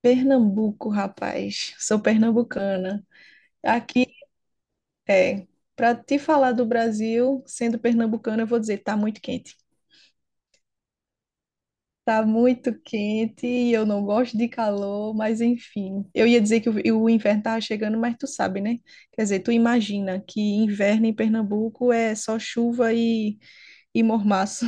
Pernambuco, rapaz. Sou pernambucana. Aqui é. Para te falar do Brasil, sendo pernambucana, eu vou dizer, tá muito quente. Tá muito quente e eu não gosto de calor, mas enfim. Eu ia dizer que o inverno tava chegando, mas tu sabe, né? Quer dizer, tu imagina que inverno em Pernambuco é só chuva e mormaço.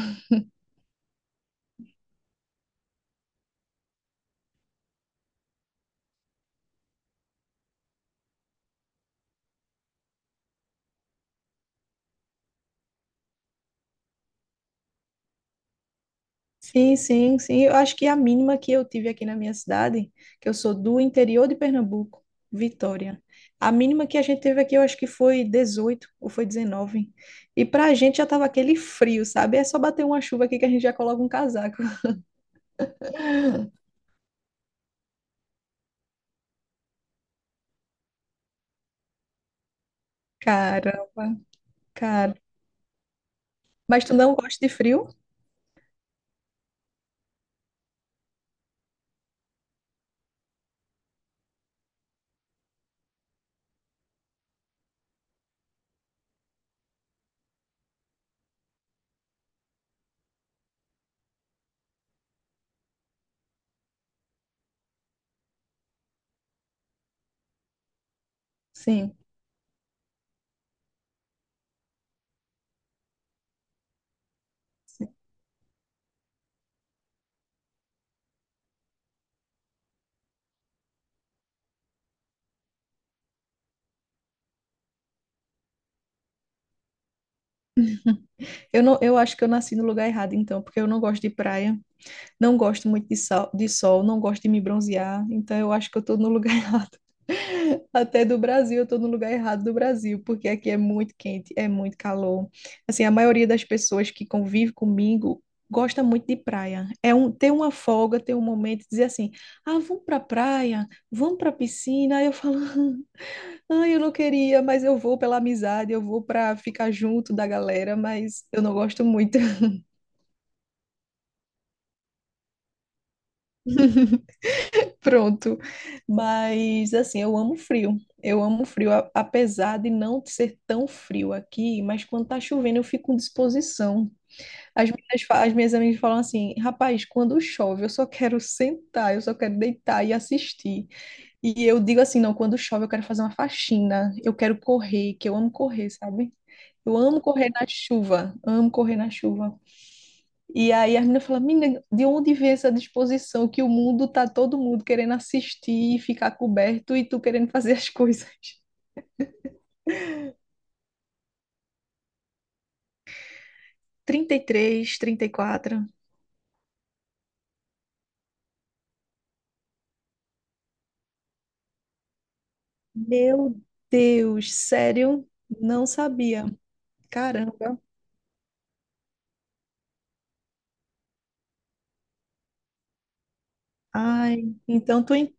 Sim, sim, sim. Eu acho que a mínima que eu tive aqui na minha cidade, que eu sou do interior de Pernambuco, Vitória. A mínima que a gente teve aqui, eu acho que foi 18 ou foi 19. E pra gente já tava aquele frio, sabe? É só bater uma chuva aqui que a gente já coloca um casaco. Caramba, cara. Mas tu não gosta de frio? Sim. Eu não, eu acho que eu nasci no lugar errado, então, porque eu não gosto de praia, não gosto muito de sol, não gosto de me bronzear, então eu acho que eu tô no lugar errado. Até do Brasil, eu tô no lugar errado do Brasil, porque aqui é muito quente, é muito calor. Assim, a maioria das pessoas que convive comigo gosta muito de praia. É um, ter uma folga, ter um momento de dizer assim: "Ah, vamos pra praia, vamos pra piscina". Aí eu falo: "Ah, eu não queria, mas eu vou pela amizade, eu vou pra ficar junto da galera, mas eu não gosto muito". Pronto. Mas assim, eu amo frio. Eu amo frio, apesar de não ser tão frio aqui, mas quando tá chovendo eu fico com disposição. As minhas amigas falam assim: rapaz, quando chove eu só quero sentar, eu só quero deitar e assistir. E eu digo assim: não, quando chove eu quero fazer uma faxina, eu quero correr, que eu amo correr, sabe? Eu amo correr na chuva, amo correr na chuva. E aí a menina fala, menina, de onde vem essa disposição que o mundo tá todo mundo querendo assistir e ficar coberto e tu querendo fazer as coisas? 30, 33, 34. Meu Deus, sério? Não sabia. Caramba. Ai, então tu, en-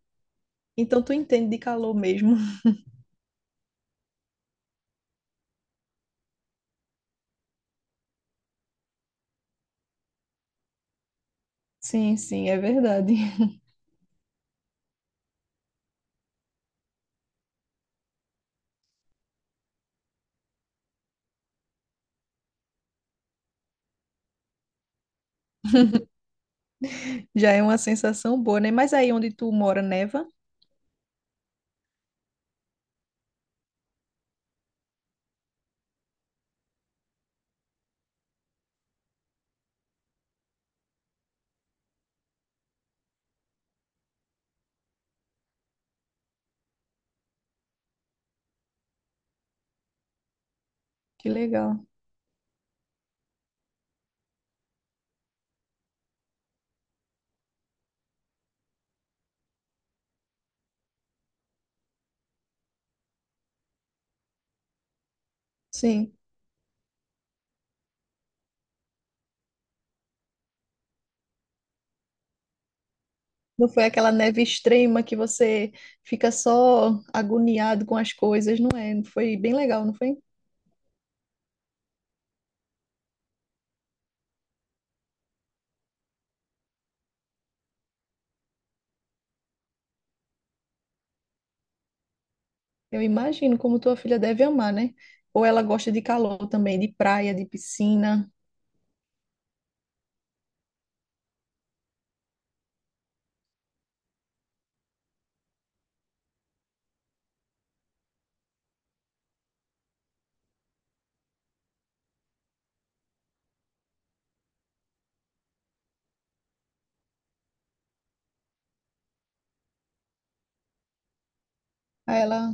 então tu entende de calor mesmo. Sim, sim, é verdade. Já é uma sensação boa, né? Mas aí onde tu mora, neva? Que legal. Sim. Não foi aquela neve extrema que você fica só agoniado com as coisas, não é? Foi bem legal, não foi? Eu imagino como tua filha deve amar, né? Ou ela gosta de calor também, de praia, de piscina. Aí ela,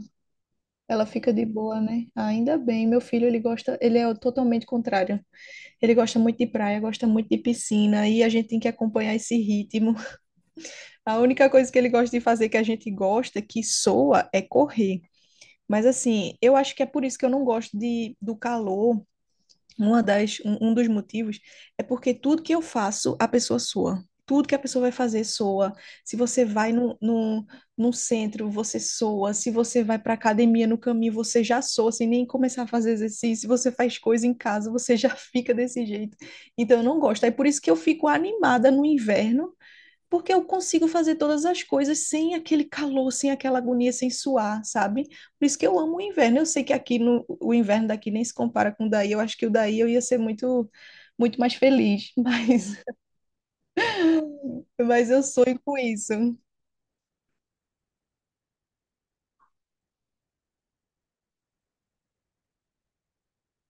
ela fica de boa, né? Ainda bem, meu filho, ele gosta, ele é o totalmente contrário. Ele gosta muito de praia, gosta muito de piscina, e a gente tem que acompanhar esse ritmo. A única coisa que ele gosta de fazer que a gente gosta, que soa, é correr. Mas assim, eu acho que é por isso que eu não gosto do calor. Um dos motivos é porque tudo que eu faço, a pessoa soa. Tudo que a pessoa vai fazer soa. Se você vai no centro, você soa. Se você vai para academia no caminho, você já soa, sem nem começar a fazer exercício. Se você faz coisa em casa, você já fica desse jeito. Então, eu não gosto. É por isso que eu fico animada no inverno porque eu consigo fazer todas as coisas sem aquele calor, sem aquela agonia, sem suar, sabe? Por isso que eu amo o inverno. Eu sei que aqui no, o inverno daqui nem se compara com o daí. Eu acho que o daí eu ia ser muito, muito mais feliz, mas, mas eu sonho com isso.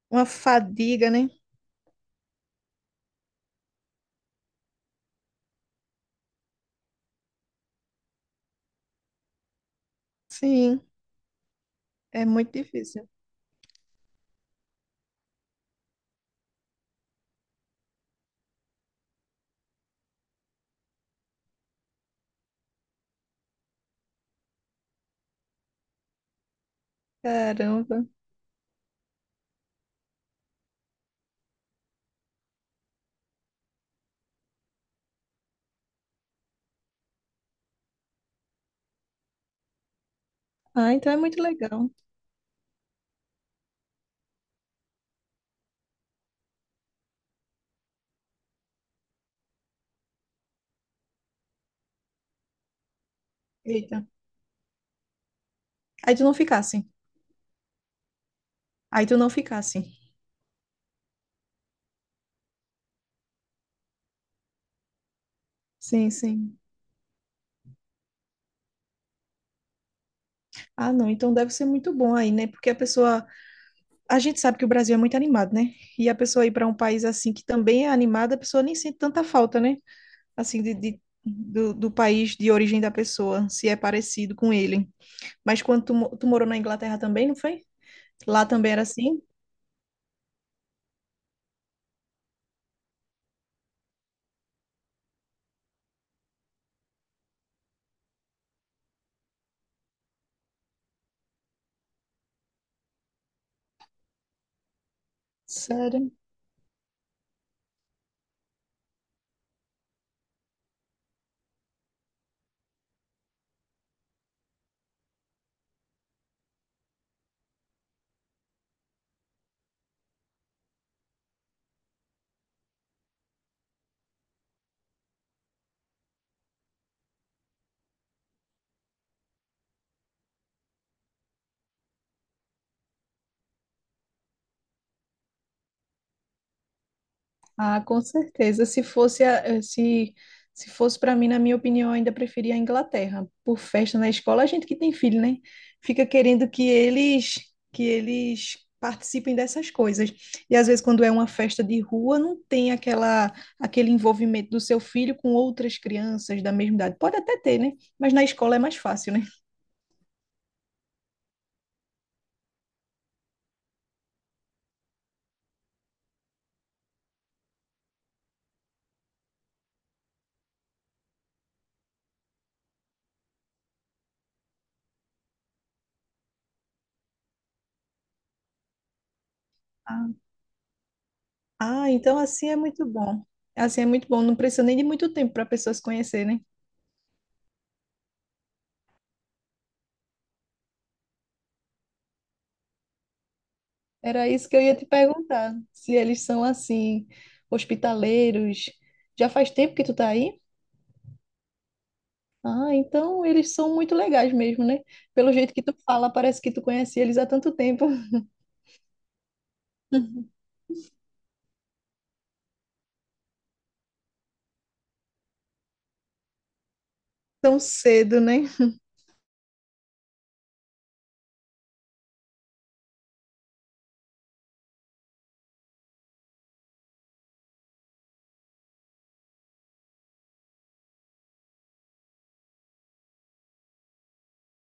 Uma fadiga, né? Sim, é muito difícil. Caramba. Ah, então é muito legal. Eita. Aí tu não ficasse. Aí tu não ficasse. Sim, sim. Ah, não, então deve ser muito bom aí, né? Porque a pessoa a gente sabe que o Brasil é muito animado, né? E a pessoa ir para um país assim que também é animado, a pessoa nem sente tanta falta, né? Assim, do país de origem da pessoa, se é parecido com ele. Mas quando tu morou na Inglaterra também, não foi? Lá também era assim? Sério? Ah, com certeza. Se fosse a- eh, se se fosse para mim, na minha opinião, eu ainda preferia a Inglaterra. Por festa na escola, a gente que tem filho, né? Fica querendo que eles participem dessas coisas. E às vezes quando é uma festa de rua, não tem aquela aquele envolvimento do seu filho com outras crianças da mesma idade. Pode até ter, né? Mas na escola é mais fácil, né? Ah, ah, então assim é muito bom. Assim é muito bom. Não precisa nem de muito tempo para a pessoa se conhecer, né? Era isso que eu ia te perguntar, se eles são assim, hospitaleiros. Já faz tempo que tu tá aí? Ah, então eles são muito legais mesmo, né? Pelo jeito que tu fala, parece que tu conhece eles há tanto tempo. Tão cedo, né?